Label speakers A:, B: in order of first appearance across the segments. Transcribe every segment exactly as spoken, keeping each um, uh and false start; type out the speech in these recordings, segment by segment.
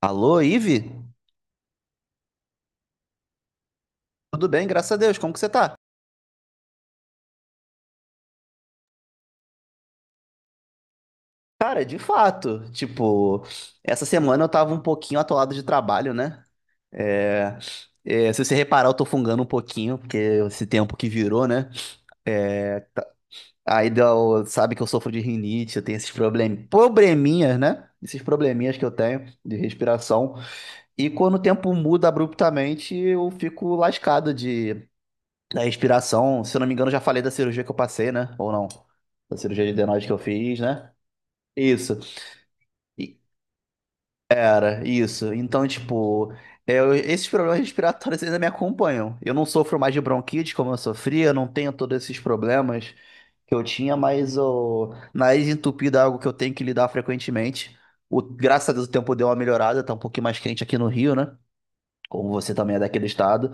A: Alô, Ive? Tudo bem, graças a Deus, como que você tá? Cara, de fato, tipo, essa semana eu tava um pouquinho atolado de trabalho, né? É, é, se você reparar, eu tô fungando um pouquinho, porque esse tempo que virou, né? É, tá- aí deu- sabe que eu sofro de rinite, eu tenho esses problem... probleminhas, né? Esses probleminhas que eu tenho de respiração. E quando o tempo muda abruptamente, eu fico lascado de da respiração. Se eu não me engano, já falei da cirurgia que eu passei, né? Ou não? Da cirurgia de adenoide que eu fiz, né? Isso. E, cara, isso. Então, tipo, é, eu- esses problemas respiratórios ainda me acompanham. Eu não sofro mais de bronquite como eu sofria, eu não tenho todos esses problemas que eu tinha, mas o nariz entupido é algo que eu tenho que lidar frequentemente. O, graças a Deus o tempo deu uma melhorada, tá um pouquinho mais quente aqui no Rio, né? Como você também é daquele estado.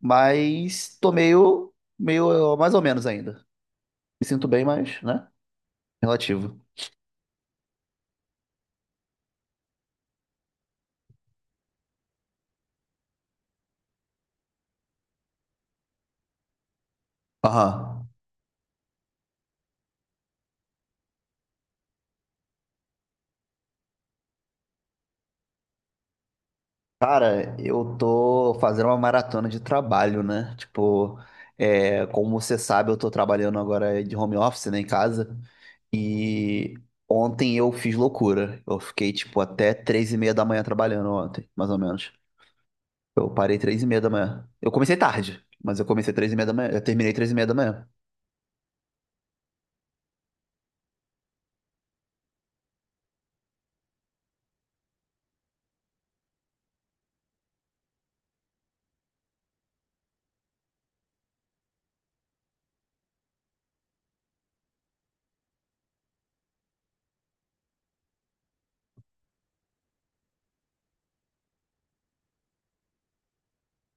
A: Mas tô meio, meio mais ou menos ainda. Me sinto bem, mas, né? Relativo. Aham. Cara, eu tô fazendo uma maratona de trabalho, né? Tipo, é, como você sabe, eu tô trabalhando agora de home office, né, em casa. E ontem eu fiz loucura. Eu fiquei, tipo, até três e meia da manhã trabalhando ontem, mais ou menos. Eu parei três e meia da manhã. Eu comecei tarde, mas eu comecei três e meia da manhã. Eu terminei três e meia da manhã.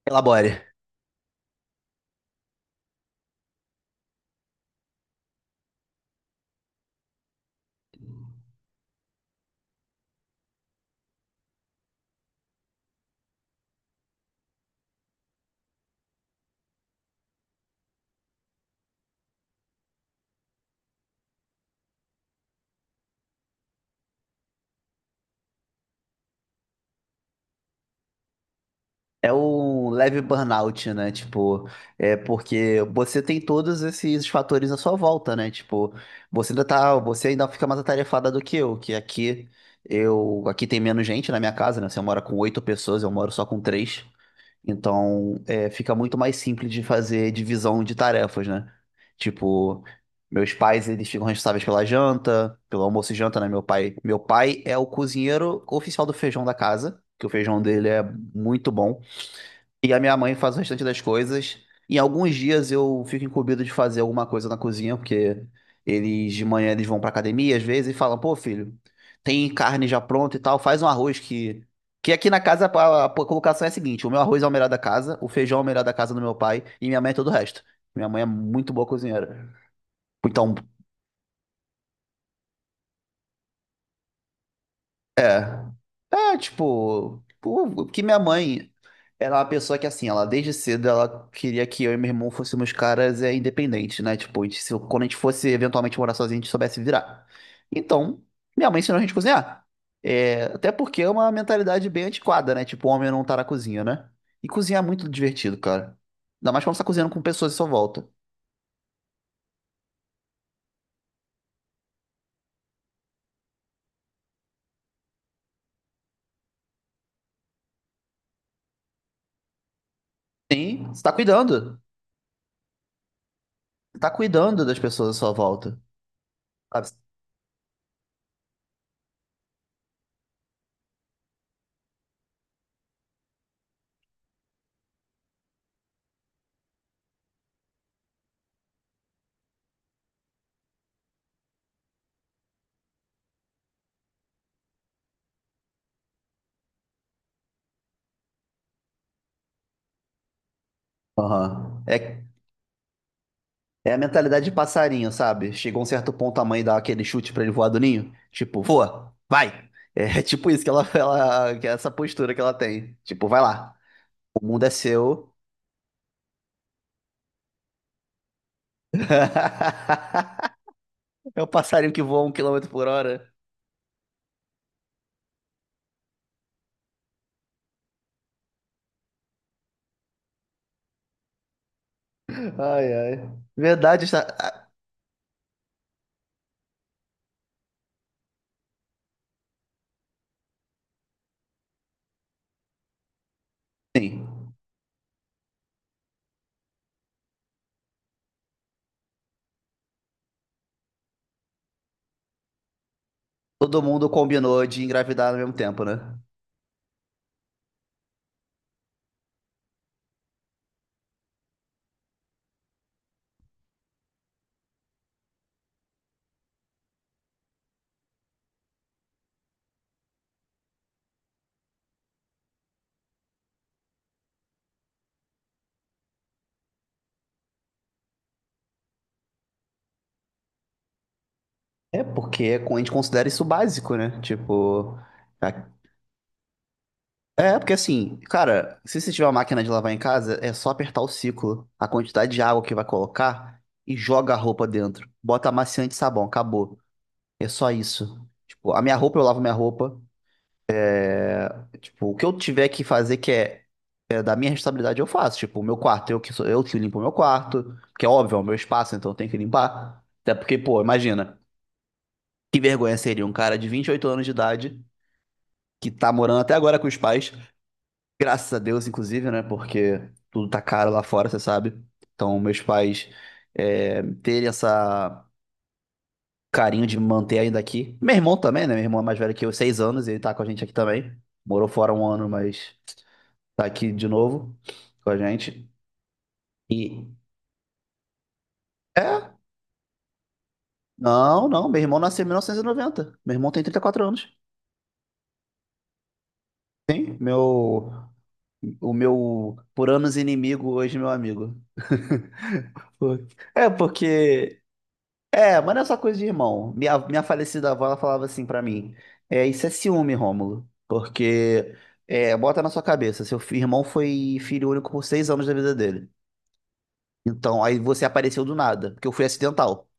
A: Elabore. É um leve burnout, né? Tipo, é porque você tem todos esses fatores à sua volta, né? Tipo, você ainda tá, você ainda fica mais atarefada do que eu, que aqui eu, aqui tem menos gente na minha casa, né? Você mora com oito pessoas, eu moro só com três. Então, é, fica muito mais simples de fazer divisão de tarefas, né? Tipo, meus pais, eles ficam responsáveis pela janta, pelo almoço e janta, né? Meu pai, meu pai é o cozinheiro oficial do feijão da casa, que o feijão dele é muito bom. E a minha mãe faz o restante das coisas. Em alguns dias eu fico incumbido de fazer alguma coisa na cozinha, porque eles de manhã eles vão pra academia às vezes e falam: pô, filho, tem carne já pronta e tal, faz um arroz que. Que aqui na casa a a colocação é a seguinte: o meu arroz é o melhor da casa, o feijão é o melhor da casa do meu pai e minha mãe é todo o resto. Minha mãe é muito boa cozinheira. Então, é. É, tipo, pô, que minha mãe era uma pessoa que, assim, ela desde cedo ela queria que eu e meu irmão fôssemos caras é, independentes, né? Tipo, a gente, se, quando a gente fosse eventualmente morar sozinho, a gente soubesse virar. Então, minha mãe ensinou a gente a cozinhar. É, até porque é uma mentalidade bem antiquada, né? Tipo, o homem não tá na cozinha, né? E cozinhar é muito divertido, cara. Ainda mais quando você tá cozinhando com pessoas à sua volta. Sim, você tá cuidando. Você tá cuidando das pessoas à sua volta. Sabe? Aham. É É a mentalidade de passarinho, sabe? Chegou um certo ponto a mãe dá aquele chute pra ele voar do ninho. Tipo, voa, vai. É tipo isso que ela, ela, que é essa postura que ela tem. Tipo, vai lá. O mundo é seu. É o passarinho que voa um quilômetro por hora. Ai, ai. Verdade, está- ah, sim. Todo mundo combinou de engravidar ao mesmo tempo, né? É porque a gente considera isso básico, né? Tipo, a- é, porque assim, cara, se você tiver uma máquina de lavar em casa, é só apertar o ciclo, a quantidade de água que vai colocar e joga a roupa dentro. Bota amaciante e sabão, acabou. É só isso. Tipo, a minha roupa, eu lavo minha roupa. Tipo, o que eu tiver que fazer que é, é da minha responsabilidade, eu faço. Tipo, o meu quarto, eu que sou, eu que limpo o meu quarto, porque é óbvio, é o meu espaço, então eu tenho que limpar. Até porque, pô, imagina, que vergonha seria um cara de vinte e oito anos de idade que tá morando até agora com os pais. Graças a Deus, inclusive, né? Porque tudo tá caro lá fora, você sabe. Então, meus pais é, terem essa carinho de me manter ainda aqui. Meu irmão também, né? Meu irmão é mais velho que eu, seis anos, ele tá com a gente aqui também. Morou fora um ano, mas tá aqui de novo com a gente. E. É? Não, não. Meu irmão nasceu em mil novecentos e noventa. Meu irmão tem trinta e quatro anos. Sim, meu. O meu por anos inimigo, hoje meu amigo. Por- É, porque É, mas não é só coisa de irmão. Minha, minha falecida avó, ela falava assim pra mim: é, isso é ciúme, Rômulo. Porque, é, bota na sua cabeça, seu fi- irmão foi filho único por seis anos da vida dele. Então, aí você apareceu do nada, porque eu fui acidental.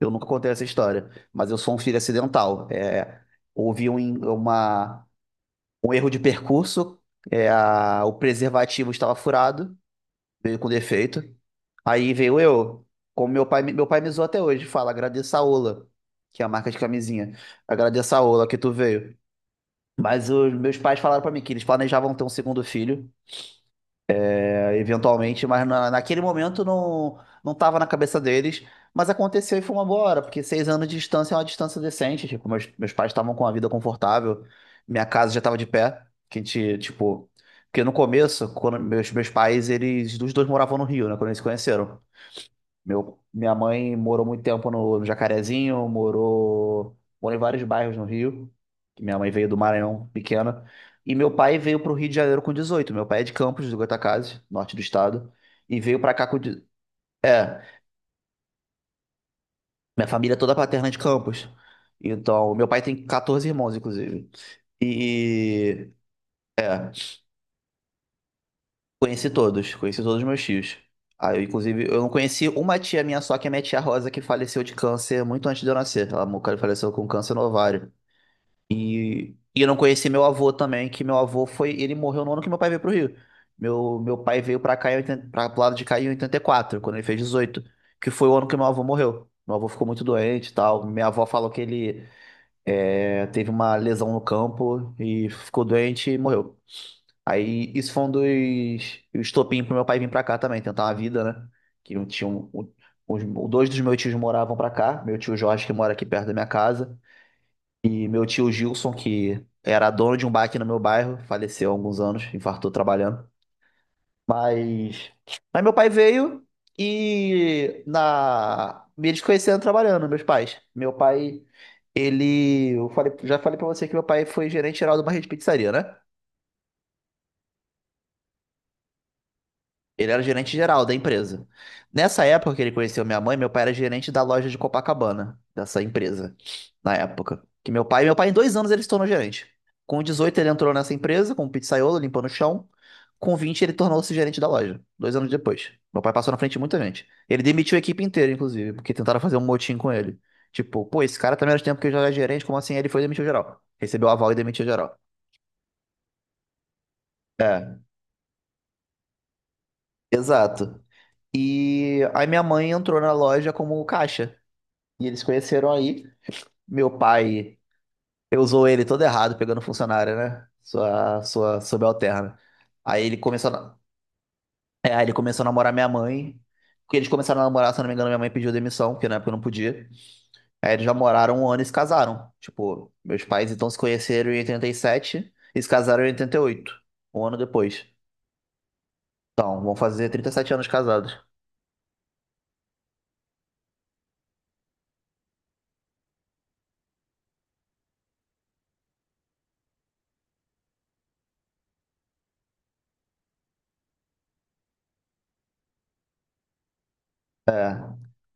A: Eu nunca contei essa história, mas eu sou um filho acidental. É, houve um, in- uma, um erro de percurso, é, a- o preservativo estava furado, veio com defeito. Aí veio eu, como meu pai, meu pai me zoa até hoje, fala, agradeça a Ola, que é a marca de camisinha. Agradeça a Ola que tu veio. Mas os meus pais falaram pra mim que eles planejavam ter um segundo filho, é, eventualmente, mas na- naquele momento não, não tava na cabeça deles. Mas aconteceu e foi uma boa hora, porque seis anos de distância é uma distância decente. Tipo, meus, meus pais estavam com a vida confortável, minha casa já tava de pé, que a gente, tipo... Porque no começo, quando meus, meus pais, eles, os dois moravam no Rio, né, quando eles se conheceram. Meu, minha mãe morou muito tempo no, no Jacarezinho, morou, morou em vários bairros no Rio, que minha mãe veio do Maranhão, pequena. E meu pai veio para o Rio de Janeiro com dezoito. Meu pai é de Campos, do Goitacazes, norte do estado, e veio para cá com... de- é, minha família é toda paterna é de Campos. Então, meu pai tem catorze irmãos, inclusive. E é, conheci todos, conheci todos os meus tios. Ah, eu, inclusive, eu não conheci uma tia minha só, que é minha tia Rosa, que faleceu de câncer muito antes de eu nascer. Ela mo- faleceu com câncer no ovário. E, e eu não conheci meu avô também, que meu avô foi. Ele morreu no ano que meu pai veio pro Rio. Meu, meu pai veio pra cá, em oitenta pra, pro lado de cá em oitenta e quatro, quando ele fez dezoito, que foi o ano que meu avô morreu. Meu avô ficou muito doente e tal. Minha avó falou que ele é, teve uma lesão no campo e ficou doente e morreu. Aí isso foi um dos o estopim pro meu pai vir pra cá também, tentar uma vida, né? Que um tio, um- os, dois dos meus tios moravam pra cá, meu tio Jorge, que mora aqui perto da minha casa, e meu tio Gilson, que era dono de um bar aqui no meu bairro, faleceu há alguns anos, infartou trabalhando. Mas, mas meu pai veio e na me desconhecendo trabalhando, meus pais. Meu pai, ele, eu falei, já falei pra você que meu pai foi gerente geral de uma rede de pizzaria, né? Ele era gerente geral da empresa. Nessa época que ele conheceu minha mãe, meu pai era gerente da loja de Copacabana, dessa empresa, na época. Que meu pai, meu pai, em dois anos, ele se tornou gerente. Com dezoito, ele entrou nessa empresa, como pizzaiolo, limpando o chão. Com vinte, ele tornou-se gerente da loja, dois anos depois. Meu pai passou na frente de muita gente. Ele demitiu a equipe inteira, inclusive, porque tentaram fazer um motim com ele. Tipo, pô, esse cara tá menos tempo que eu já era gerente, como assim? Ele foi e demitiu geral. Recebeu aval e demitiu geral. É, exato. E aí minha mãe entrou na loja como caixa. E eles conheceram aí. Meu pai, eu usou ele todo errado, pegando funcionária, né? Sua, sua subalterna. Aí ele começou a, é, aí ele começou a namorar minha mãe. Porque eles começaram a namorar, se eu não me engano, minha mãe pediu demissão, porque na época eu não podia. Aí eles já moraram um ano e se casaram. Tipo, meus pais então se conheceram em oitenta e sete e sete e se casaram em oitenta e oito, um ano depois. Então, vão fazer trinta e sete anos casados.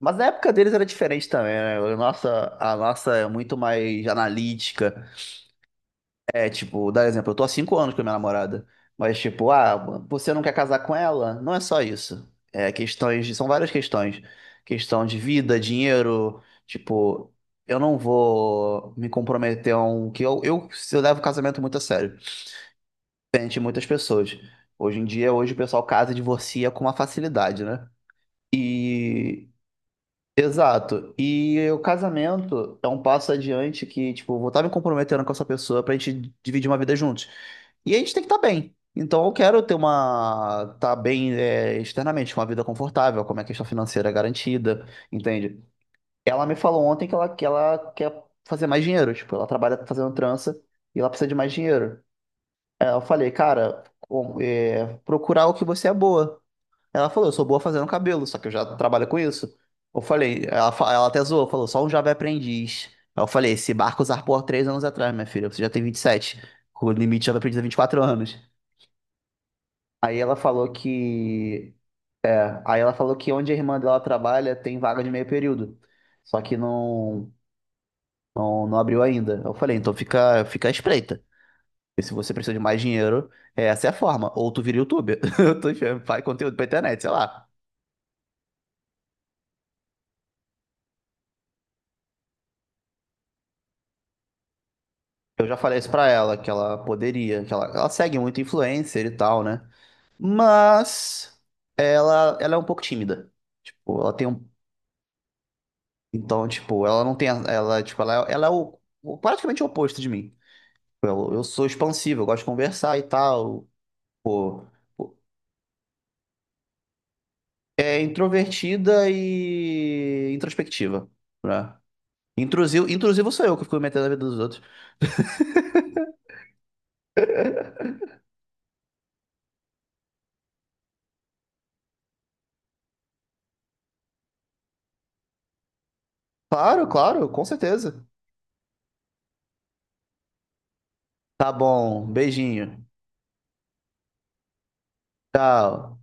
A: Mas a época deles era diferente também, né? A nossa, a nossa é muito mais analítica. É tipo, dar exemplo, eu tô há cinco anos com a minha namorada, mas tipo, ah, você não quer casar com ela? Não é só isso. É questões, de- são várias questões. Questão de vida, dinheiro, tipo, eu não vou me comprometer a um que eu, eu, eu levo o casamento muito a sério. Frente muitas pessoas. Hoje em dia, hoje o pessoal casa e divorcia com uma facilidade, né? E exato. E o casamento é um passo adiante que, tipo, eu vou estar me comprometendo com essa pessoa pra gente dividir uma vida juntos. E a gente tem que estar bem. Então eu quero ter uma. Tá bem é, externamente, uma vida confortável, como é a questão financeira é garantida, entende? Ela me falou ontem que ela, que ela quer fazer mais dinheiro. Tipo, ela trabalha fazendo trança e ela precisa de mais dinheiro. Aí eu falei, cara, com- é, procurar o que você é boa. Ela falou, eu sou boa fazendo cabelo, só que eu já trabalho com isso. Eu falei, ela, fa- ela até zoou, falou, só um jovem aprendiz. Aí eu falei, esse barco zarpou há três anos atrás, minha filha, você já tem vinte e sete. O limite já vai e quatro anos. Aí ela falou que. Aí ela falou que onde a irmã dela trabalha tem vaga de meio período. Só que não, não, não abriu ainda. Eu falei, então fica, fica à espreita. E se você precisa de mais dinheiro, essa é a forma. Ou tu vira youtuber. Eu tô enfiando- Faz conteúdo pra internet, sei lá. Eu já falei isso pra ela, que ela poderia, que ela, ela segue muito influencer e tal, né? Mas ela, ela é um pouco tímida. Tipo, ela tem um. Então, tipo, ela não tem. a- Ela, tipo, ela, é- ela é o, o- praticamente o oposto de mim. Eu eu sou expansivo, eu gosto de conversar e tal. Pô, pô. é introvertida e introspectiva, né? Intrusivo, intrusivo sou eu que fico me metendo na vida dos outros. Claro, claro, com certeza. Tá bom, beijinho. Tchau.